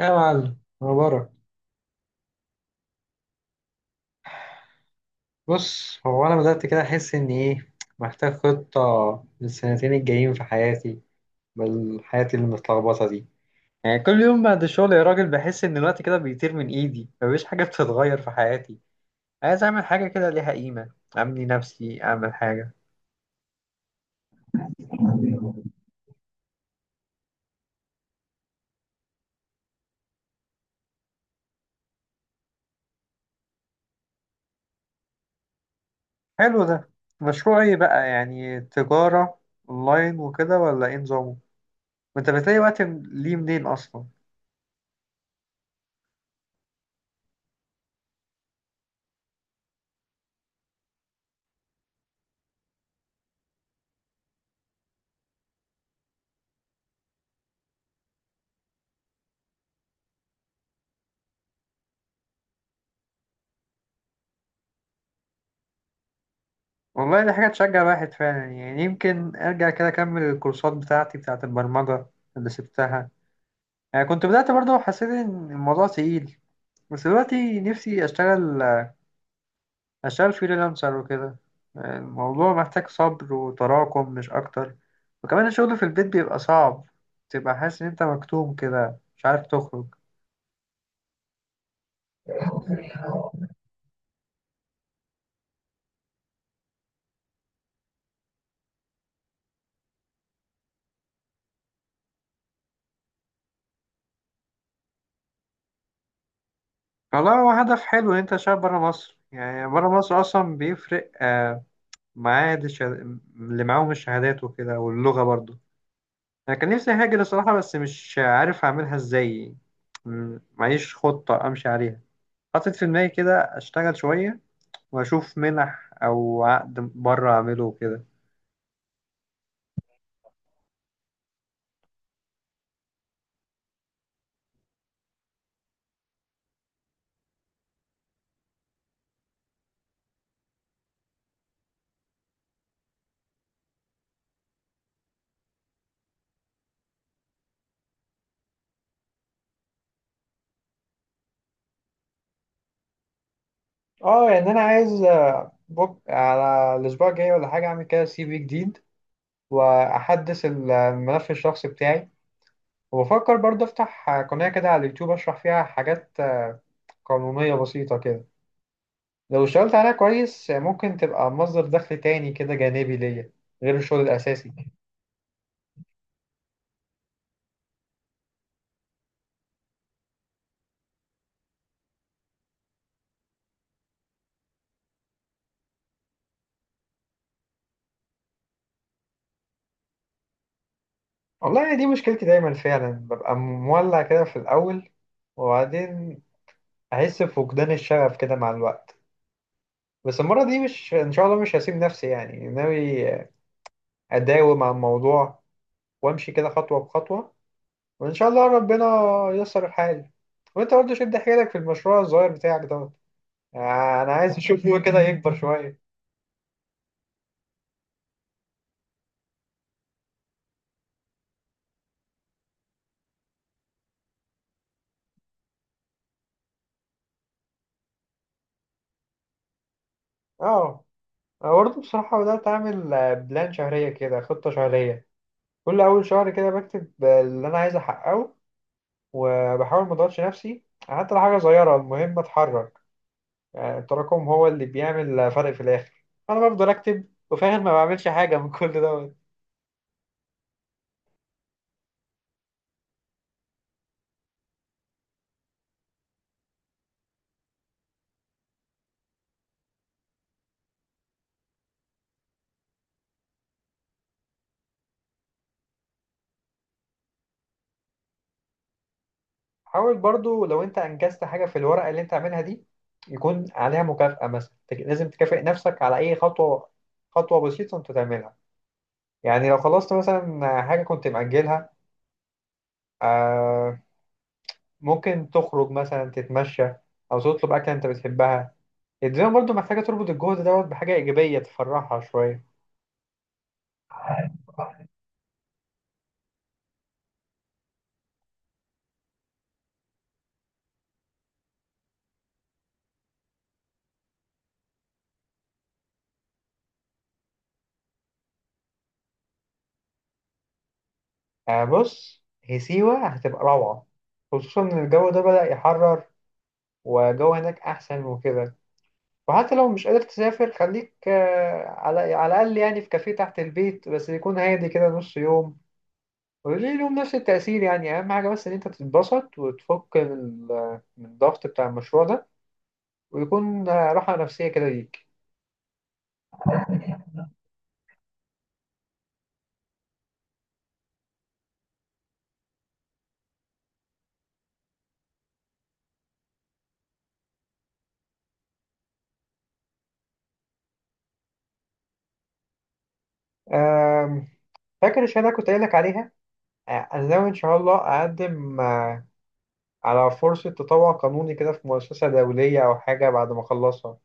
يا معلم مبارك. بص، هو أنا بدأت كده أحس إن إيه، محتاج خطة للسنتين الجايين في حياتي، بل حياتي المتلخبطة دي. يعني كل يوم بعد الشغل يا راجل، بحس إن الوقت كده بيطير من إيدي، مفيش حاجة بتتغير في حياتي. عايز أعمل حاجة كده ليها قيمة، أبني نفسي، أعمل حاجة. حلو ده. مشروع إيه بقى؟ يعني تجارة أونلاين وكده، ولا إيه نظامه؟ وأنت بتلاقي وقت ليه منين أصلا؟ والله دي حاجة تشجع الواحد فعلا، يعني يمكن أرجع كده أكمل الكورسات بتاعتي بتاعة البرمجة اللي سبتها. يعني كنت بدأت برضه، حسيت إن الموضوع تقيل، بس دلوقتي نفسي أشتغل فريلانسر وكده. يعني الموضوع محتاج صبر وتراكم مش أكتر. وكمان الشغل في البيت بيبقى صعب، تبقى حاسس إن أنت مكتوم كده، مش عارف تخرج. والله هو هدف حلو إن أنت تشتغل برا مصر. يعني برا مصر أصلا بيفرق معاه دي اللي معاهم الشهادات وكده، واللغة برضو. أنا كان نفسي هاجر الصراحة، بس مش عارف أعملها إزاي. معيش خطة أمشي عليها. حاطط في دماغي كده أشتغل شوية وأشوف منح أو عقد بره أعمله وكده. اه يعني انا عايز على الاسبوع الجاي ولا حاجه اعمل كده سي في جديد، واحدث الملف الشخصي بتاعي. وبفكر برضه افتح قناه كده على اليوتيوب اشرح فيها حاجات قانونيه بسيطه كده. لو اشتغلت عليها كويس، ممكن تبقى مصدر دخل تاني كده جانبي ليا، غير الشغل الأساسي. والله يعني دي مشكلتي دايما، فعلا ببقى مولع كده في الأول، وبعدين أحس بفقدان الشغف كده مع الوقت. بس المرة دي مش، إن شاء الله مش هسيب نفسي. يعني ناوي أداوم على الموضوع وأمشي كده خطوة بخطوة، وإن شاء الله ربنا ييسر الحال. وأنت برضه شد حيلك في المشروع الصغير بتاعك دوت. يعني أنا عايز أشوفه كده يكبر شوية. أه، أنا برضه بصراحة بدأت أعمل بلان شهرية كده، خطة شهرية. كل أول شهر كده بكتب اللي أنا عايز أحققه، وبحاول ما أضغطش نفسي، حتى لو حاجة صغيرة المهم أتحرك. يعني التراكم هو اللي بيعمل فرق في الآخر. أنا بفضل أكتب وفي الآخر ما بعملش حاجة من كل دوت. حاول برضو لو أنت أنجزت حاجة في الورقة اللي أنت عاملها دي، يكون عليها مكافأة. مثلا لازم تكافئ نفسك على أي خطوة، خطوة بسيطة أنت تعملها. يعني لو خلصت مثلا حاجة كنت مأجلها، آه، ممكن تخرج مثلا تتمشى او تطلب اكله انت بتحبها. الدنيا برضو محتاجه تربط الجهد دوت بحاجه ايجابيه تفرحها شويه. بص، هي سيوه هتبقى روعه، خصوصا ان الجو ده بدأ يحرر، وجو هناك احسن وكده. وحتى لو مش قادر تسافر خليك على الاقل، يعني في كافيه تحت البيت بس يكون هادي كده نص يوم، وليه لهم نفس التأثير. يعني أهم حاجة بس إن أنت تتبسط وتفك من من الضغط بتاع المشروع ده، ويكون راحة نفسية كده ليك. آم، فاكر الشهادة اللي كنت قايل لك عليها؟ أنا ناوي إن شاء الله أقدم على فرصة تطوع قانوني كده في مؤسسة دولية أو حاجة بعد ما أخلصها،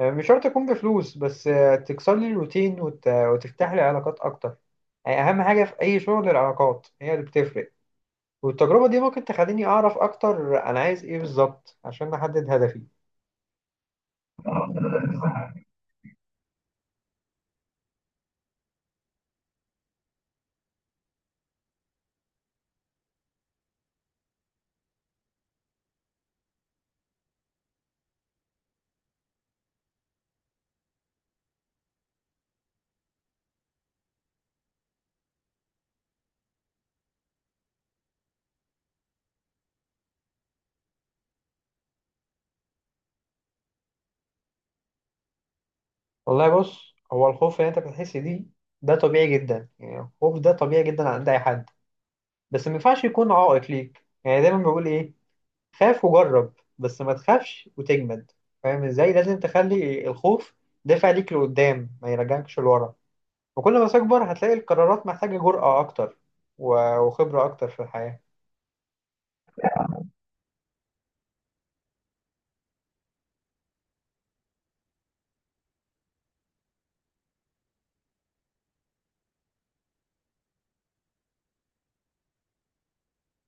مش شرط تكون بفلوس، بس تكسر لي الروتين وتفتح لي علاقات أكتر، أهم حاجة في أي شغل العلاقات هي اللي بتفرق، والتجربة دي ممكن تخليني أعرف أكتر أنا عايز إيه بالظبط عشان أحدد هدفي. والله بص، هو الخوف اللي أنت بتحس بيه ده طبيعي جدا، يعني الخوف ده طبيعي جدا عند أي حد. بس ما ينفعش يكون عائق ليك، يعني دايما بقول ايه؟ خاف وجرب، بس ما تخافش وتجمد. فاهم ازاي؟ لازم تخلي الخوف دافع ليك لقدام ما يرجعكش لورا. وكل ما تكبر هتلاقي القرارات محتاجة جرأة اكتر وخبرة اكتر في الحياة.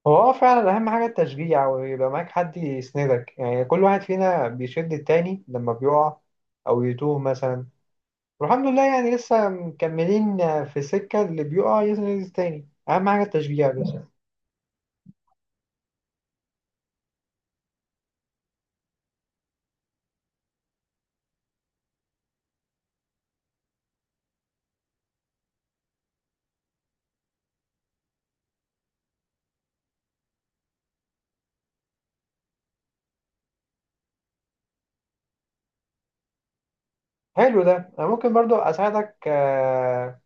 هو فعلا اهم حاجة التشجيع، ويبقى معاك حد يسندك. يعني كل واحد فينا بيشد التاني لما بيقع او يتوه مثلا، والحمد لله يعني لسه مكملين في السكة، اللي بيقع يسند التاني، اهم حاجة التشجيع بس. حلو ده. انا ممكن برضو اساعدك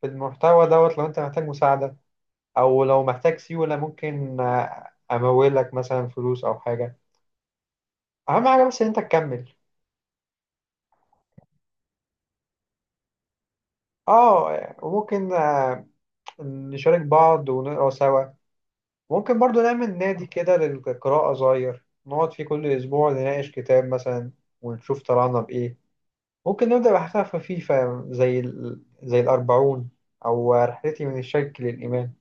في المحتوى دوت لو انت محتاج مساعدة، او لو محتاج سيولة ممكن امولك مثلا فلوس او حاجة. اهم حاجة بس ان انت تكمل. اه، وممكن نشارك بعض ونقرا سوا. ممكن برضو نعمل نادي كده للقراءة صغير، نقعد فيه كل اسبوع نناقش كتاب مثلا ونشوف طلعنا بايه. ممكن نبدأ بحاجة خفيفة زي زي الأربعون، أو رحلتي من الشرك للإيمان.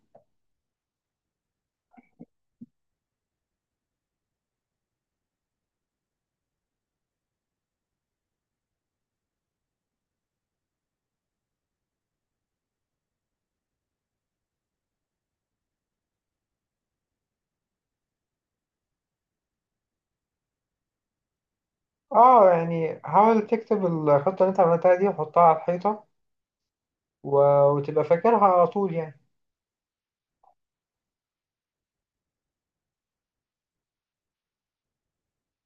اه، يعني حاول تكتب الخطة اللي انت عملتها دي وحطها على الحيطة، و... وتبقى فاكرها على طول يعني.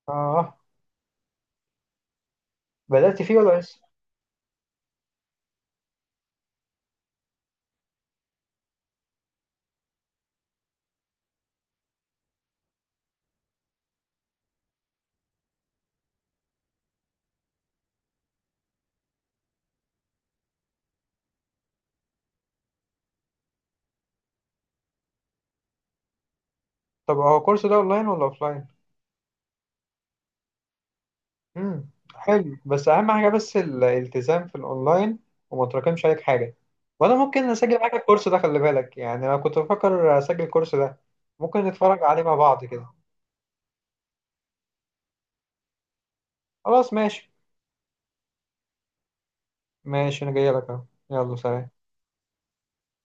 اه، بدأت فيه ولا لسه؟ طب هو الكورس ده اونلاين ولا اوفلاين؟ امم حلو، بس اهم حاجة بس الالتزام في الاونلاين، وما تراكمش عليك حاجة. وانا ممكن اسجل معاك الكورس ده، خلي بالك يعني انا كنت بفكر اسجل الكورس ده. ممكن نتفرج عليه مع بعض كده. خلاص ماشي. ماشي انا جاي لك اهو. يلا سلام.